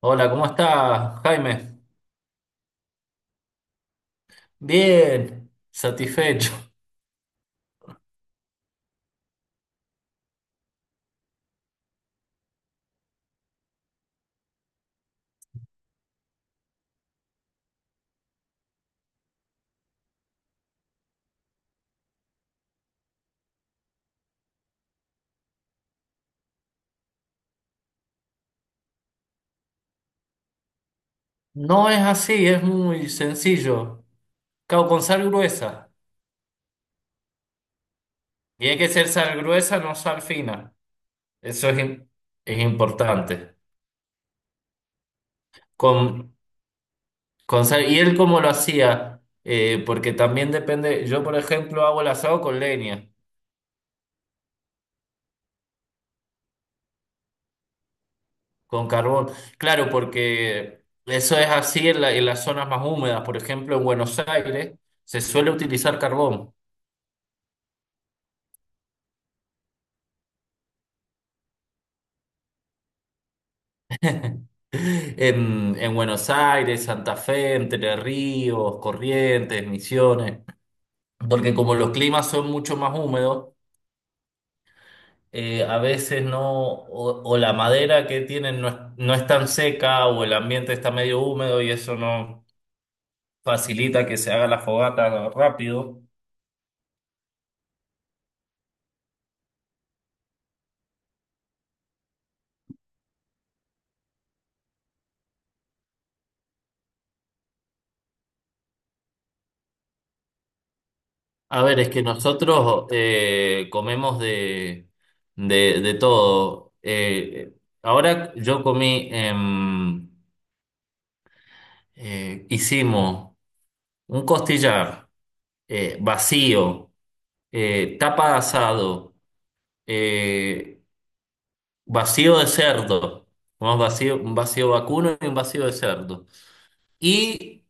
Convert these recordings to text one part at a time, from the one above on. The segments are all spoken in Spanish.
Hola, ¿cómo estás, Jaime? Bien, satisfecho. No es así, es muy sencillo. Cao con sal gruesa. Y hay que ser sal gruesa, no sal fina. Eso es, es importante. Con, con sal. ¿Y él cómo lo hacía? Porque también depende. Yo, por ejemplo, hago el asado con leña, con carbón. Claro, porque eso es así en en las zonas más húmedas. Por ejemplo, en Buenos Aires se suele utilizar carbón. En Buenos Aires, Santa Fe, Entre Ríos, Corrientes, Misiones, porque como los climas son mucho más húmedos, a veces no, o la madera que tienen no es, no es tan seca o el ambiente está medio húmedo y eso no facilita que se haga la fogata rápido. A ver, es que nosotros comemos de todo. Ahora yo comí, hicimos. Un costillar vacío, tapa de asado, eh, vacío de cerdo, ¿no? Vacío, un vacío vacuno y un vacío de cerdo. Y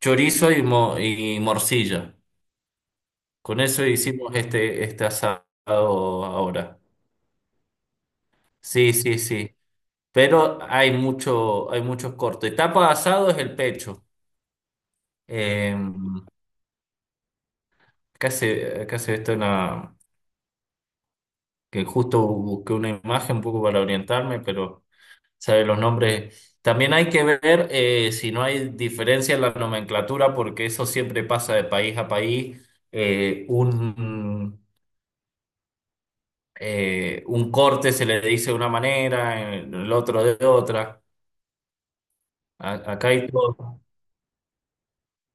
chorizo y, y morcilla. Con eso hicimos este asado ahora. Sí, sí, sí. Pero hay mucho, hay muchos cortes. Tapa de asado es el pecho. Eh, acá se ve esto en que justo busqué una imagen un poco para orientarme, pero sea, los nombres. También hay que ver si no hay diferencia en la nomenclatura, porque eso siempre pasa de país a país. Eh, un, un corte se le dice de una manera, el otro de otra. Acá hay todo,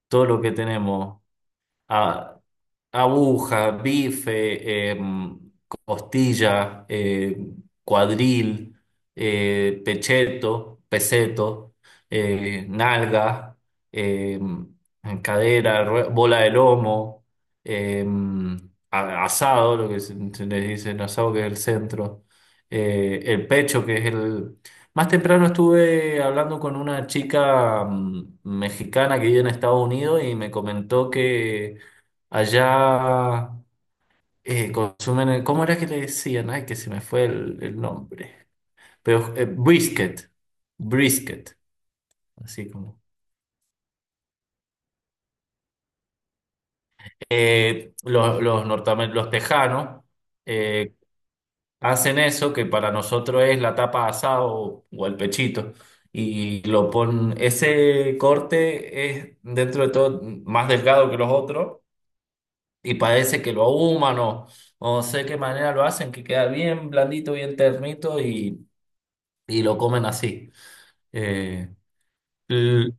todo lo que tenemos. Ah, aguja, bife, costilla, cuadril, pecheto, peseto, nalga, em, cadera, bola de lomo, em, asado, lo que se les dice, el asado que es el centro, el pecho que es el... Más temprano estuve hablando con una chica mexicana que vive en Estados Unidos y me comentó que allá consumen, ¿cómo era que le decían? Ay, que se me fue el nombre. Pero brisket, así como. Los tejanos eh, hacen eso que para nosotros es la tapa asado o el pechito. Y lo ponen, ese corte es dentro de todo más delgado que los otros y parece que lo ahuman o no sé qué manera lo hacen, que queda bien blandito, bien ternito y lo comen así. Eh, l-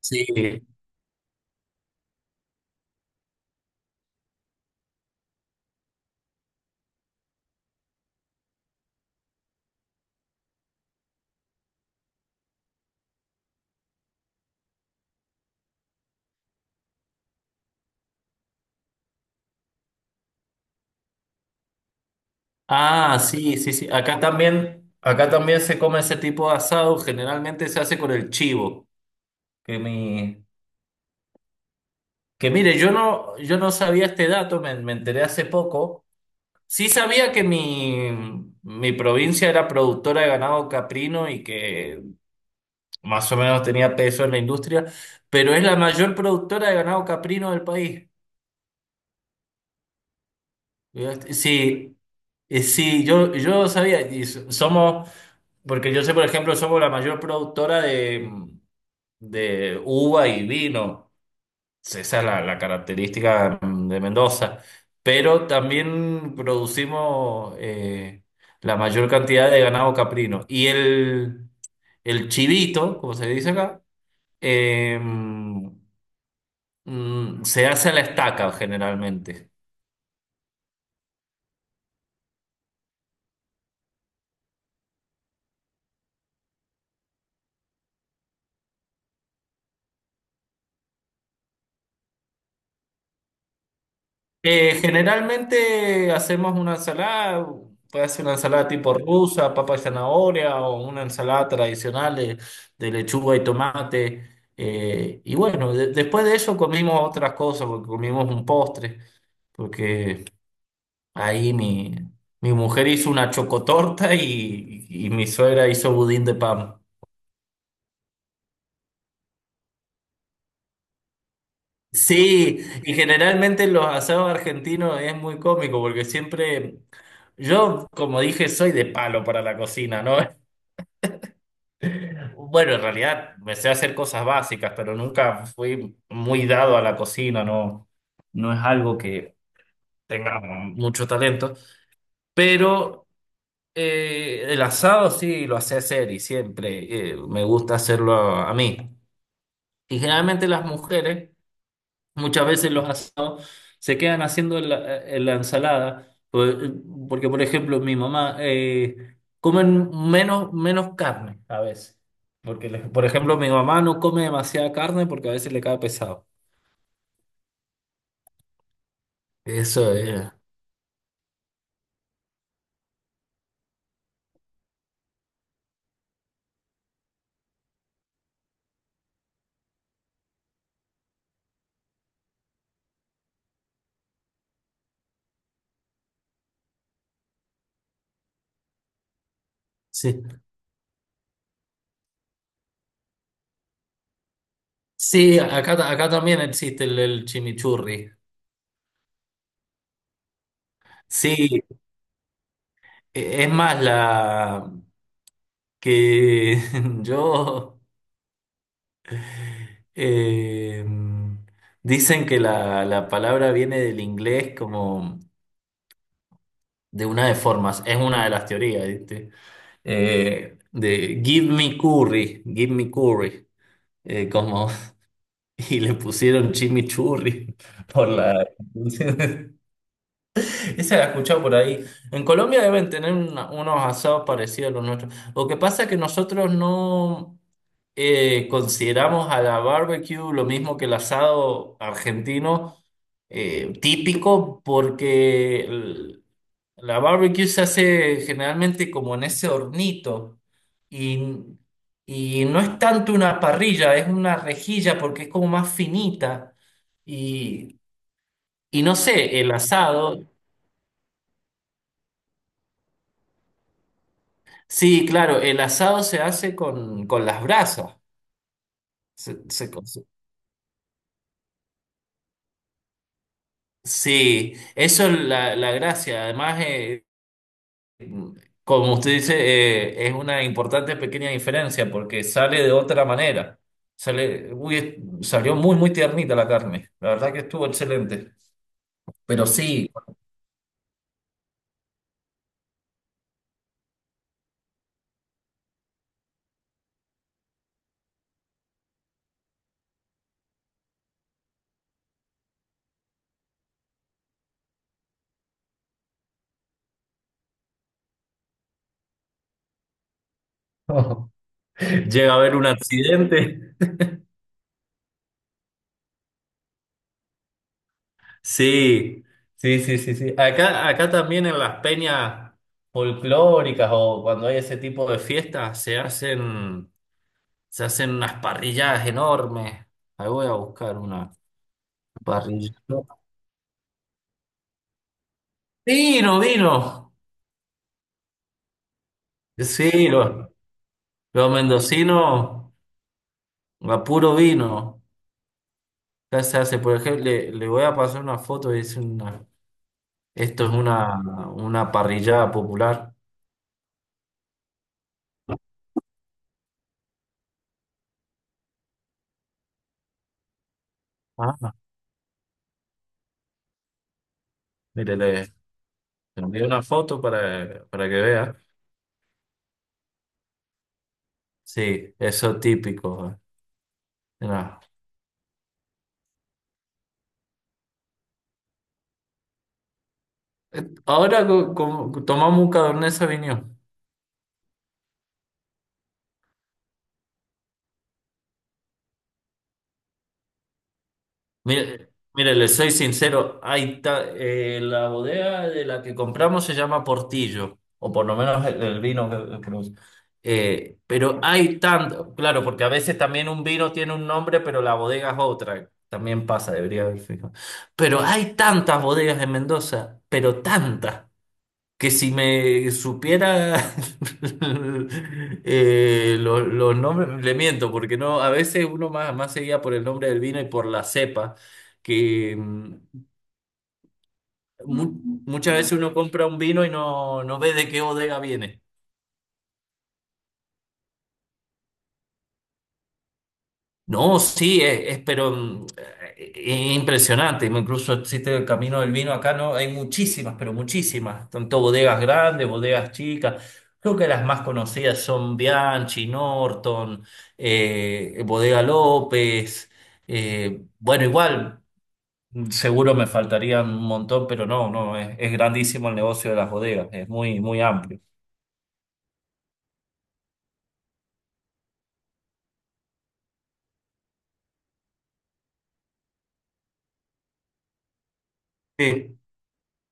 sí. Ah, sí, sí, sí. Acá también se come ese tipo de asado. Generalmente se hace con el chivo. Que mi, que mire, yo no, yo no sabía este dato, me enteré hace poco. Sí sabía mi provincia era productora de ganado caprino y que más o menos tenía peso en la industria, pero es la mayor productora de ganado caprino del país. Este, sí, sí, yo sabía, y somos, porque yo sé, por ejemplo, somos la mayor productora de uva y vino. Esa es la, la característica de Mendoza. Pero también producimos la mayor cantidad de ganado caprino. El chivito, como se dice acá, eh, se hace a la estaca generalmente. Generalmente hacemos una ensalada, puede ser una ensalada tipo rusa, papa y zanahoria, o una ensalada tradicional de lechuga y tomate. Y bueno, después de eso comimos otras cosas, porque comimos un postre, porque ahí mi, mi mujer hizo una chocotorta y mi suegra hizo budín de pan. Sí, y generalmente los asados argentinos es muy cómico porque siempre, yo como dije, soy de palo para la cocina, ¿no? Bueno, en realidad me sé hacer cosas básicas, pero nunca fui muy dado a la cocina, ¿no? No es algo que tenga mucho talento, pero el asado sí lo sé hacer y siempre me gusta hacerlo a mí. Y generalmente las mujeres... Muchas veces los asados se quedan haciendo en en la ensalada, porque por ejemplo mi mamá comen menos, menos carne a veces, porque por ejemplo mi mamá no come demasiada carne porque a veces le cae pesado. Eso es, sí. Sí, acá, acá también existe el chimichurri. Sí, es más la que yo eh, dicen que la palabra viene del inglés como de una de formas, es una de las teorías, ¿viste? De give me curry, eh, como, y le pusieron chimichurri por la... Esa la he escuchado por ahí. En Colombia deben tener unos asados parecidos a los nuestros. Lo que pasa es que nosotros no consideramos a la barbecue lo mismo que el asado argentino típico porque... La barbecue se hace generalmente como en ese hornito y, y no es tanto una parrilla, es una rejilla porque es como más finita y, y no sé, el asado, sí, claro, el asado se hace con las brasas. Se- se cose- sí, eso es la, la gracia. Además, como usted dice, es una importante pequeña diferencia porque sale de otra manera. Sale, uy, salió muy, muy tiernita la carne. La verdad que estuvo excelente. Pero sí, llega a haber un accidente. Sí, sí, sí, sí, sí. Acá, acá también en las peñas folclóricas o cuando hay ese tipo de fiestas se hacen unas parrilladas enormes. Ahí voy a buscar una parrilla. Vino, vino. Sí, lo, los mendocinos, a puro vino. Acá se hace, por ejemplo, le voy a pasar una foto y es una, esto es una parrillada popular. Ah, mire, le envié una foto para que vea. Sí, eso típico. Mira. Ahora tomamos un Cabernet Sauvignon. Mire, mire, le soy sincero, hay la bodega de la que compramos se llama Portillo, o por lo menos el vino que pero hay tanto, claro, porque a veces también un vino tiene un nombre, pero la bodega es otra. También pasa, debería haber fijado. Pero hay tantas bodegas en Mendoza, pero tantas que si me supiera los nombres, le miento, porque no, a veces uno más, más se guía por el nombre del vino y por la cepa, que mu- muchas veces uno compra un vino y no, no ve de qué bodega viene. No, sí, es, pero es impresionante. Incluso existe el Camino del Vino acá, ¿no? Hay muchísimas, pero muchísimas. Tanto bodegas grandes, bodegas chicas. Creo que las más conocidas son Bianchi, Norton, Bodega López. Bueno, igual, seguro me faltarían un montón, pero no, no, es grandísimo el negocio de las bodegas. Es muy, muy amplio. Sí.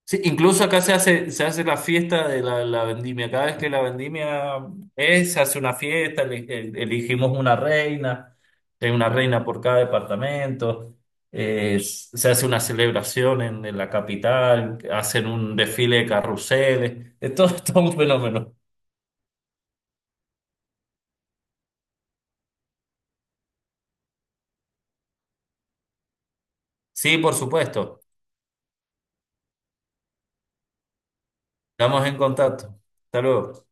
Sí, incluso acá se hace la fiesta de la vendimia. Cada vez que la vendimia es, se hace una fiesta, elegimos una reina, hay una reina por cada departamento, se hace una celebración en la capital, hacen un desfile de carruseles, es todo, todo un fenómeno. Sí, por supuesto, estamos en contacto. Hasta luego.